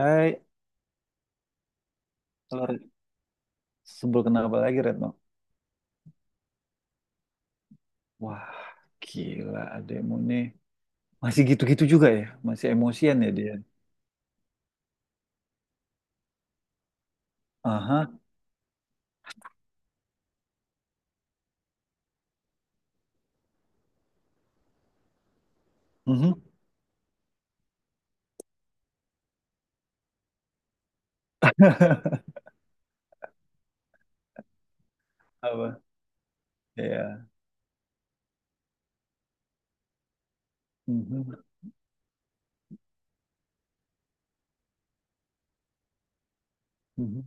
Hai, kalau Re- sebel kenapa lagi Retno? Wah, gila adekmu nih. Masih gitu-gitu juga ya? Masih emosian ya dia? Aha, mhm. Apa? Ya. Mhm, mhm,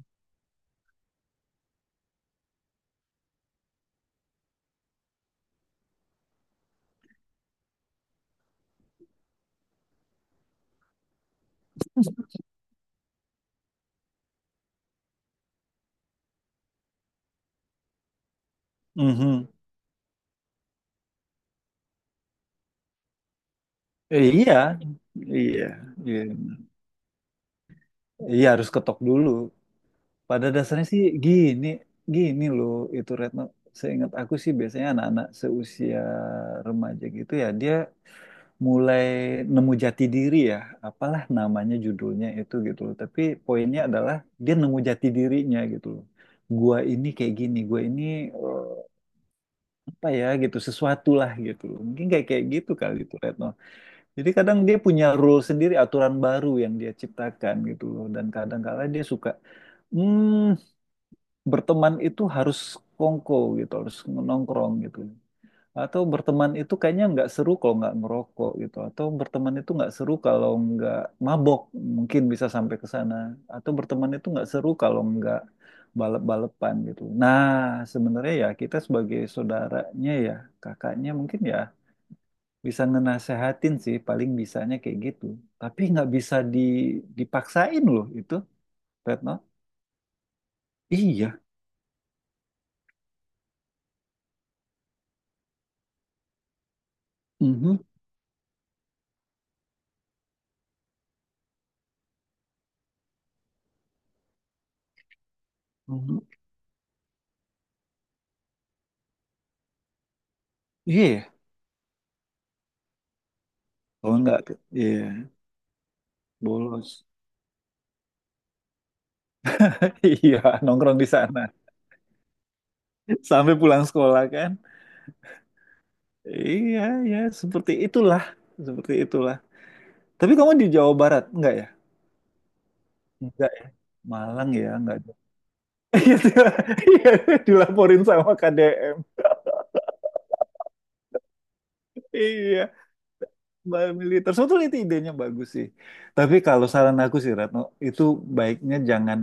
mhm. Eh, iya, iya, iya. Iya harus ketok dulu. Pada dasarnya sih gini, gini loh itu Retno. Seingat aku sih biasanya anak-anak seusia remaja gitu ya, dia mulai nemu jati diri ya, apalah namanya judulnya itu gitu loh. Tapi poinnya adalah dia nemu jati dirinya gitu loh. Gua ini kayak gini, gua ini eh, apa ya gitu, sesuatu lah gitu loh. Mungkin kayak kayak gitu kali itu Retno. Jadi kadang dia punya rule sendiri, aturan baru yang dia ciptakan gitu loh. Dan kadang kala dia suka, hmm, berteman itu harus kongko gitu, harus nongkrong gitu. Atau berteman itu kayaknya nggak seru kalau nggak merokok gitu. Atau berteman itu nggak seru kalau nggak mabok. Mungkin bisa sampai ke sana. Atau berteman itu nggak seru kalau nggak balap-balapan gitu. Nah, sebenarnya ya kita sebagai saudaranya ya, kakaknya mungkin ya bisa ngenasehatin sih paling bisanya kayak gitu. Tapi nggak bisa dipaksain loh itu, Retno. Iya. Mhm, mhm. Iya. Ya. Kalau nggak, iya, bolos. Iya, nongkrong di sana. Sampai pulang sekolah kan. Iya, ya seperti itulah, seperti itulah. Tapi kamu di Jawa Barat enggak ya? Enggak ya. Malang ya, enggak ada. Iya, iya, dilaporin sama KDM. Iya, mbak militer. Sebetulnya itu idenya bagus sih. Tapi kalau saran aku sih Ratno, itu baiknya jangan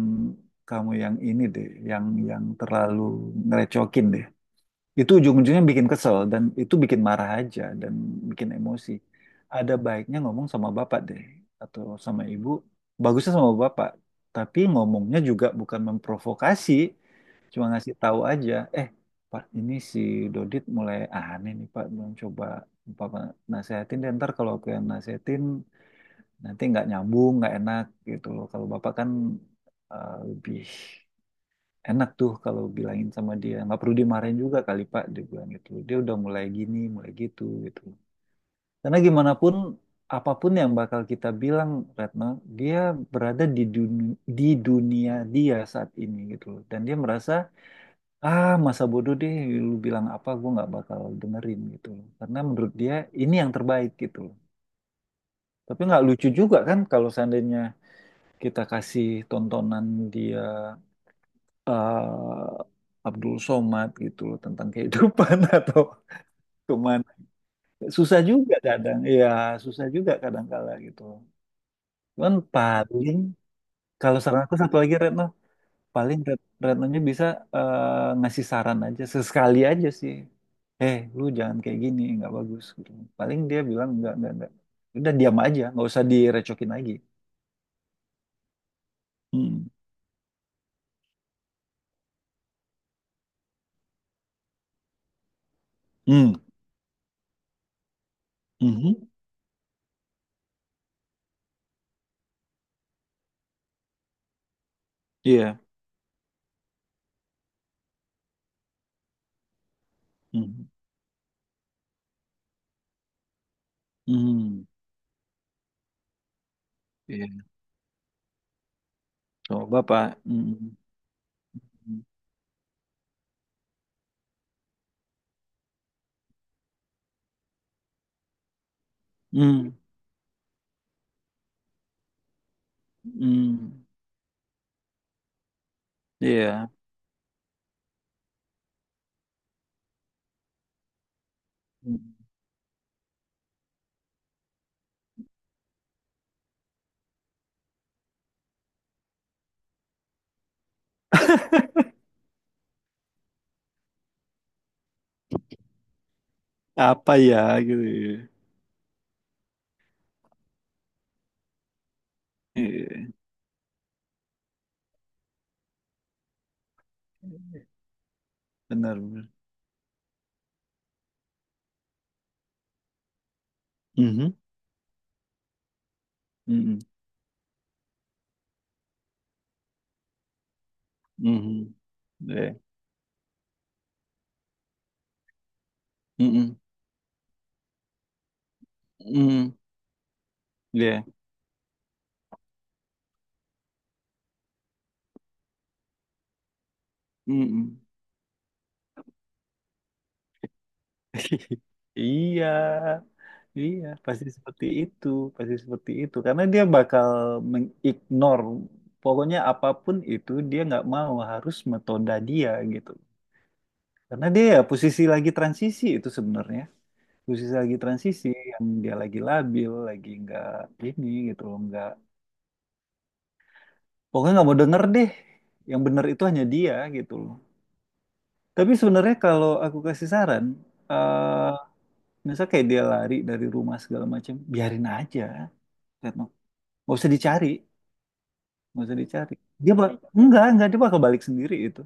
kamu yang ini deh, yang terlalu ngerecokin deh. Itu ujung-ujungnya bikin kesel dan itu bikin marah aja dan bikin emosi. Ada baiknya ngomong sama bapak deh atau sama ibu. Bagusnya sama bapak, tapi ngomongnya juga bukan memprovokasi, cuma ngasih tahu aja. Eh, Pak, ini si Dodit mulai aneh nih Pak, belum coba Bapak nasehatin deh. Ntar kalau aku yang nasehatin nanti nggak nyambung, nggak enak gitu loh. Kalau Bapak kan lebih enak tuh kalau bilangin sama dia nggak perlu dimarahin juga kali Pak, dia bilang gitu dia udah mulai gini mulai gitu gitu, karena gimana pun apapun yang bakal kita bilang Retno, dia berada di dunia dia saat ini gitu loh, dan dia merasa ah masa bodoh deh, lu bilang apa gue nggak bakal dengerin gitu loh, karena menurut dia ini yang terbaik gitu loh. Tapi nggak lucu juga kan kalau seandainya kita kasih tontonan dia eh, Abdul Somad gitu loh tentang kehidupan atau kemana. Susah juga kadang, ya susah juga kadang kala gitu. Cuman paling kalau saran aku satu lagi Retno, paling Retnonya bisa ngasih saran aja sesekali aja sih. Eh, lu jangan kayak gini, nggak bagus gitu. Paling dia bilang nggak nggak. Udah diam aja, nggak usah direcokin lagi. Hmm. Hmm. Mhm. Iya. Hmm. Hmm. Hmm. Iya. Coba Pak. Hmm. Hmm. Hmm. Hmm, iya. Apa ya gitu ya. Iya, benar benar. Mhm, mhm, mhm. Iya. Mhm, mhm. Iya. Mhm. Iya. Iya, pasti seperti itu, pasti seperti itu. Karena dia bakal mengignore, pokoknya apapun itu dia nggak mau, harus metoda dia gitu. Karena dia ya posisi lagi transisi itu sebenarnya. Posisi lagi transisi yang dia lagi labil, lagi nggak ini gitu loh, nggak pokoknya nggak mau denger deh. Yang bener itu hanya dia gitu loh. Tapi sebenarnya kalau aku kasih saran, eh misal kayak dia lari dari rumah segala macam, biarin aja, Retno. Nggak usah dicari, nggak usah dicari. Dia bak Enggak, dia bakal balik sendiri itu,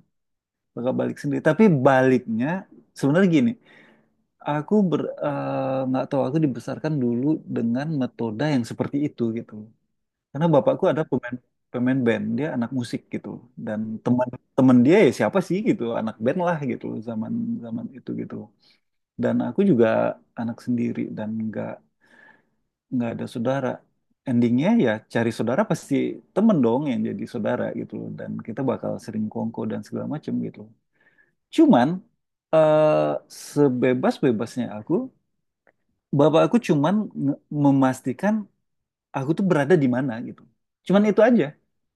bakal balik sendiri. Tapi baliknya sebenarnya gini. Nggak tahu aku dibesarkan dulu dengan metode yang seperti itu gitu. Karena bapakku ada pemain pemain band, dia anak musik gitu. Dan teman teman dia ya siapa sih gitu, anak band lah gitu zaman zaman itu gitu. Dan aku juga anak sendiri dan nggak ada saudara. Endingnya ya cari saudara pasti temen dong yang jadi saudara gitu loh. Dan kita bakal sering kongko dan segala macem gitu. Cuman eh sebebas-bebasnya aku, Bapak aku cuman memastikan aku tuh berada di mana gitu. Cuman itu aja.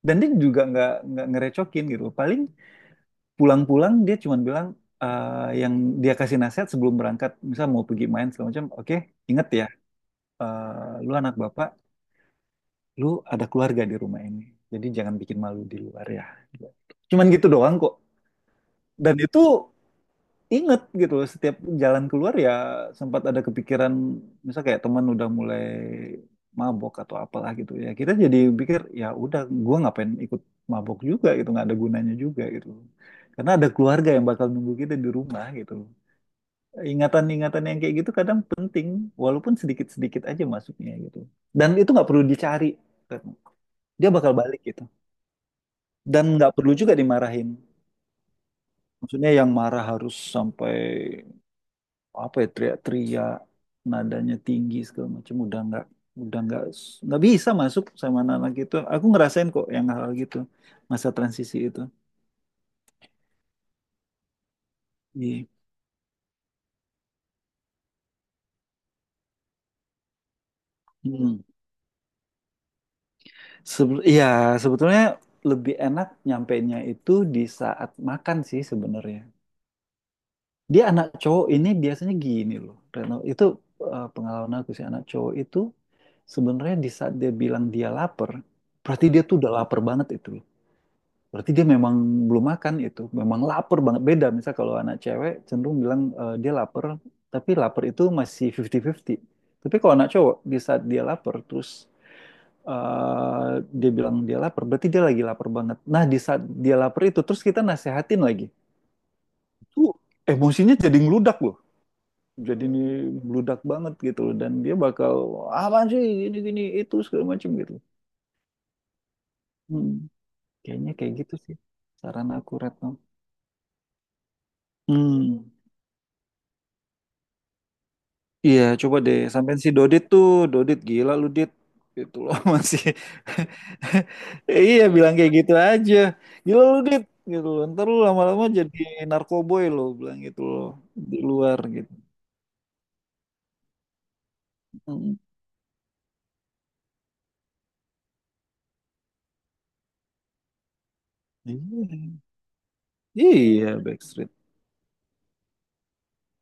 Dan dia juga nggak ngerecokin gitu. Paling pulang-pulang dia cuman bilang yang dia kasih nasihat sebelum berangkat, misal mau pergi main segala macam, oke, inget ya, lu anak bapak, lu ada keluarga di rumah ini. Jadi jangan bikin malu di luar ya. Cuman gitu doang kok. Dan itu inget gitu loh, setiap jalan keluar ya sempat ada kepikiran misal kayak teman udah mulai mabok atau apalah gitu, ya kita jadi pikir ya udah, gua ngapain ikut mabok juga gitu, nggak ada gunanya juga gitu, karena ada keluarga yang bakal nunggu kita di rumah gitu. Ingatan-ingatan yang kayak gitu kadang penting, walaupun sedikit-sedikit aja masuknya gitu, dan itu nggak perlu dicari Retno. Dia bakal balik gitu, dan nggak perlu juga dimarahin, maksudnya yang marah harus sampai apa ya teriak-teriak, nadanya tinggi segala macam, udah udah nggak nggak bisa masuk sama anak-anak gitu. Aku ngerasain kok yang hal gitu, masa transisi itu. Iya. Hmm. Iya, sebetulnya lebih enak nyampainya itu di saat makan sih sebenarnya. Dia anak cowok ini biasanya gini loh Reno itu, pengalaman aku sih anak cowok itu sebenarnya di saat dia bilang dia lapar, berarti dia tuh udah lapar banget itu. Berarti dia memang belum makan itu, memang lapar banget. Beda misal kalau anak cewek cenderung bilang dia lapar, tapi lapar itu masih 50-50. Tapi kalau anak cowok di saat dia lapar terus eh, dia bilang dia lapar, berarti dia lagi lapar banget. Nah, di saat dia lapar itu terus kita nasehatin lagi. Itu emosinya jadi ngeludak loh. Jadi ini meludak banget gitu loh, dan dia bakal apaan sih gini gini itu segala macam gitu. Hmm, Kayaknya kayak gitu sih saran aku Retno. Hmm. Iya, coba deh sampein si Dodit tuh, Dodit gila lu Dit. Itu loh masih iya, bilang kayak gitu aja. Gila lu Dit gitu loh. Ntar lu lama-lama jadi narkoboy lo, bilang gitu loh di luar gitu. Mm. Iya, iya, Backstreet.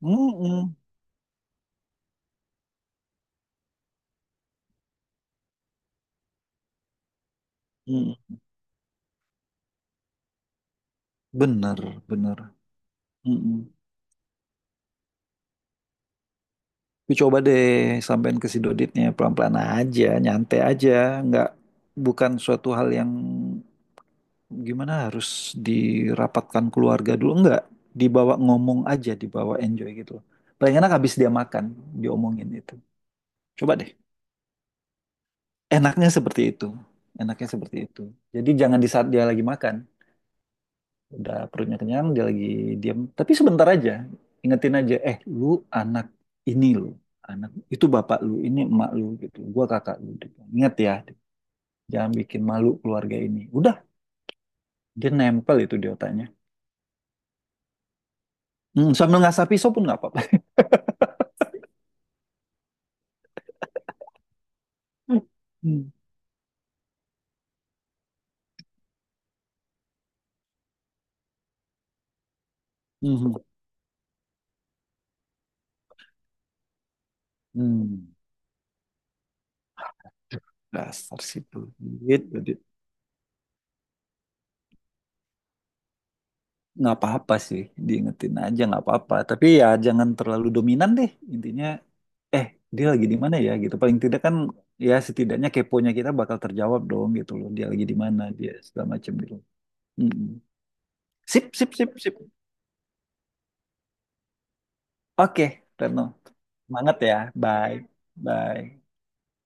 Mm-mm. Mm. Bener, bener. Mm-mm. Tapi coba deh sampein ke si Doditnya pelan-pelan aja, nyantai aja, nggak, bukan suatu hal yang gimana harus dirapatkan keluarga dulu, enggak, dibawa ngomong aja, dibawa enjoy gitu loh. Paling enak habis dia makan diomongin itu, coba deh. Enaknya seperti itu, enaknya seperti itu. Jadi jangan di saat dia lagi makan, udah perutnya kenyang, dia lagi diam, tapi sebentar aja ingetin aja, eh lu anak ini, lu anak itu, bapak lu ini, emak lu gitu, gua kakak lu gitu. Ingat ya, jangan bikin malu keluarga ini, udah, dia nempel itu di otaknya. Hmm, sambil ngasah pisau pun nggak. Hmm. Mhm. Hmm. Dasar si pelit. Jadi nggak apa-apa sih, diingetin aja nggak apa-apa. Tapi ya jangan terlalu dominan deh. Intinya, eh dia lagi di mana ya gitu. Paling tidak kan ya setidaknya keponya kita bakal terjawab dong gitu loh. Dia lagi di mana, dia segala macam gitu. Mm-mm. Sip, sip, sip, sip. Oke, Reno. Semangat ya. Bye. Bye.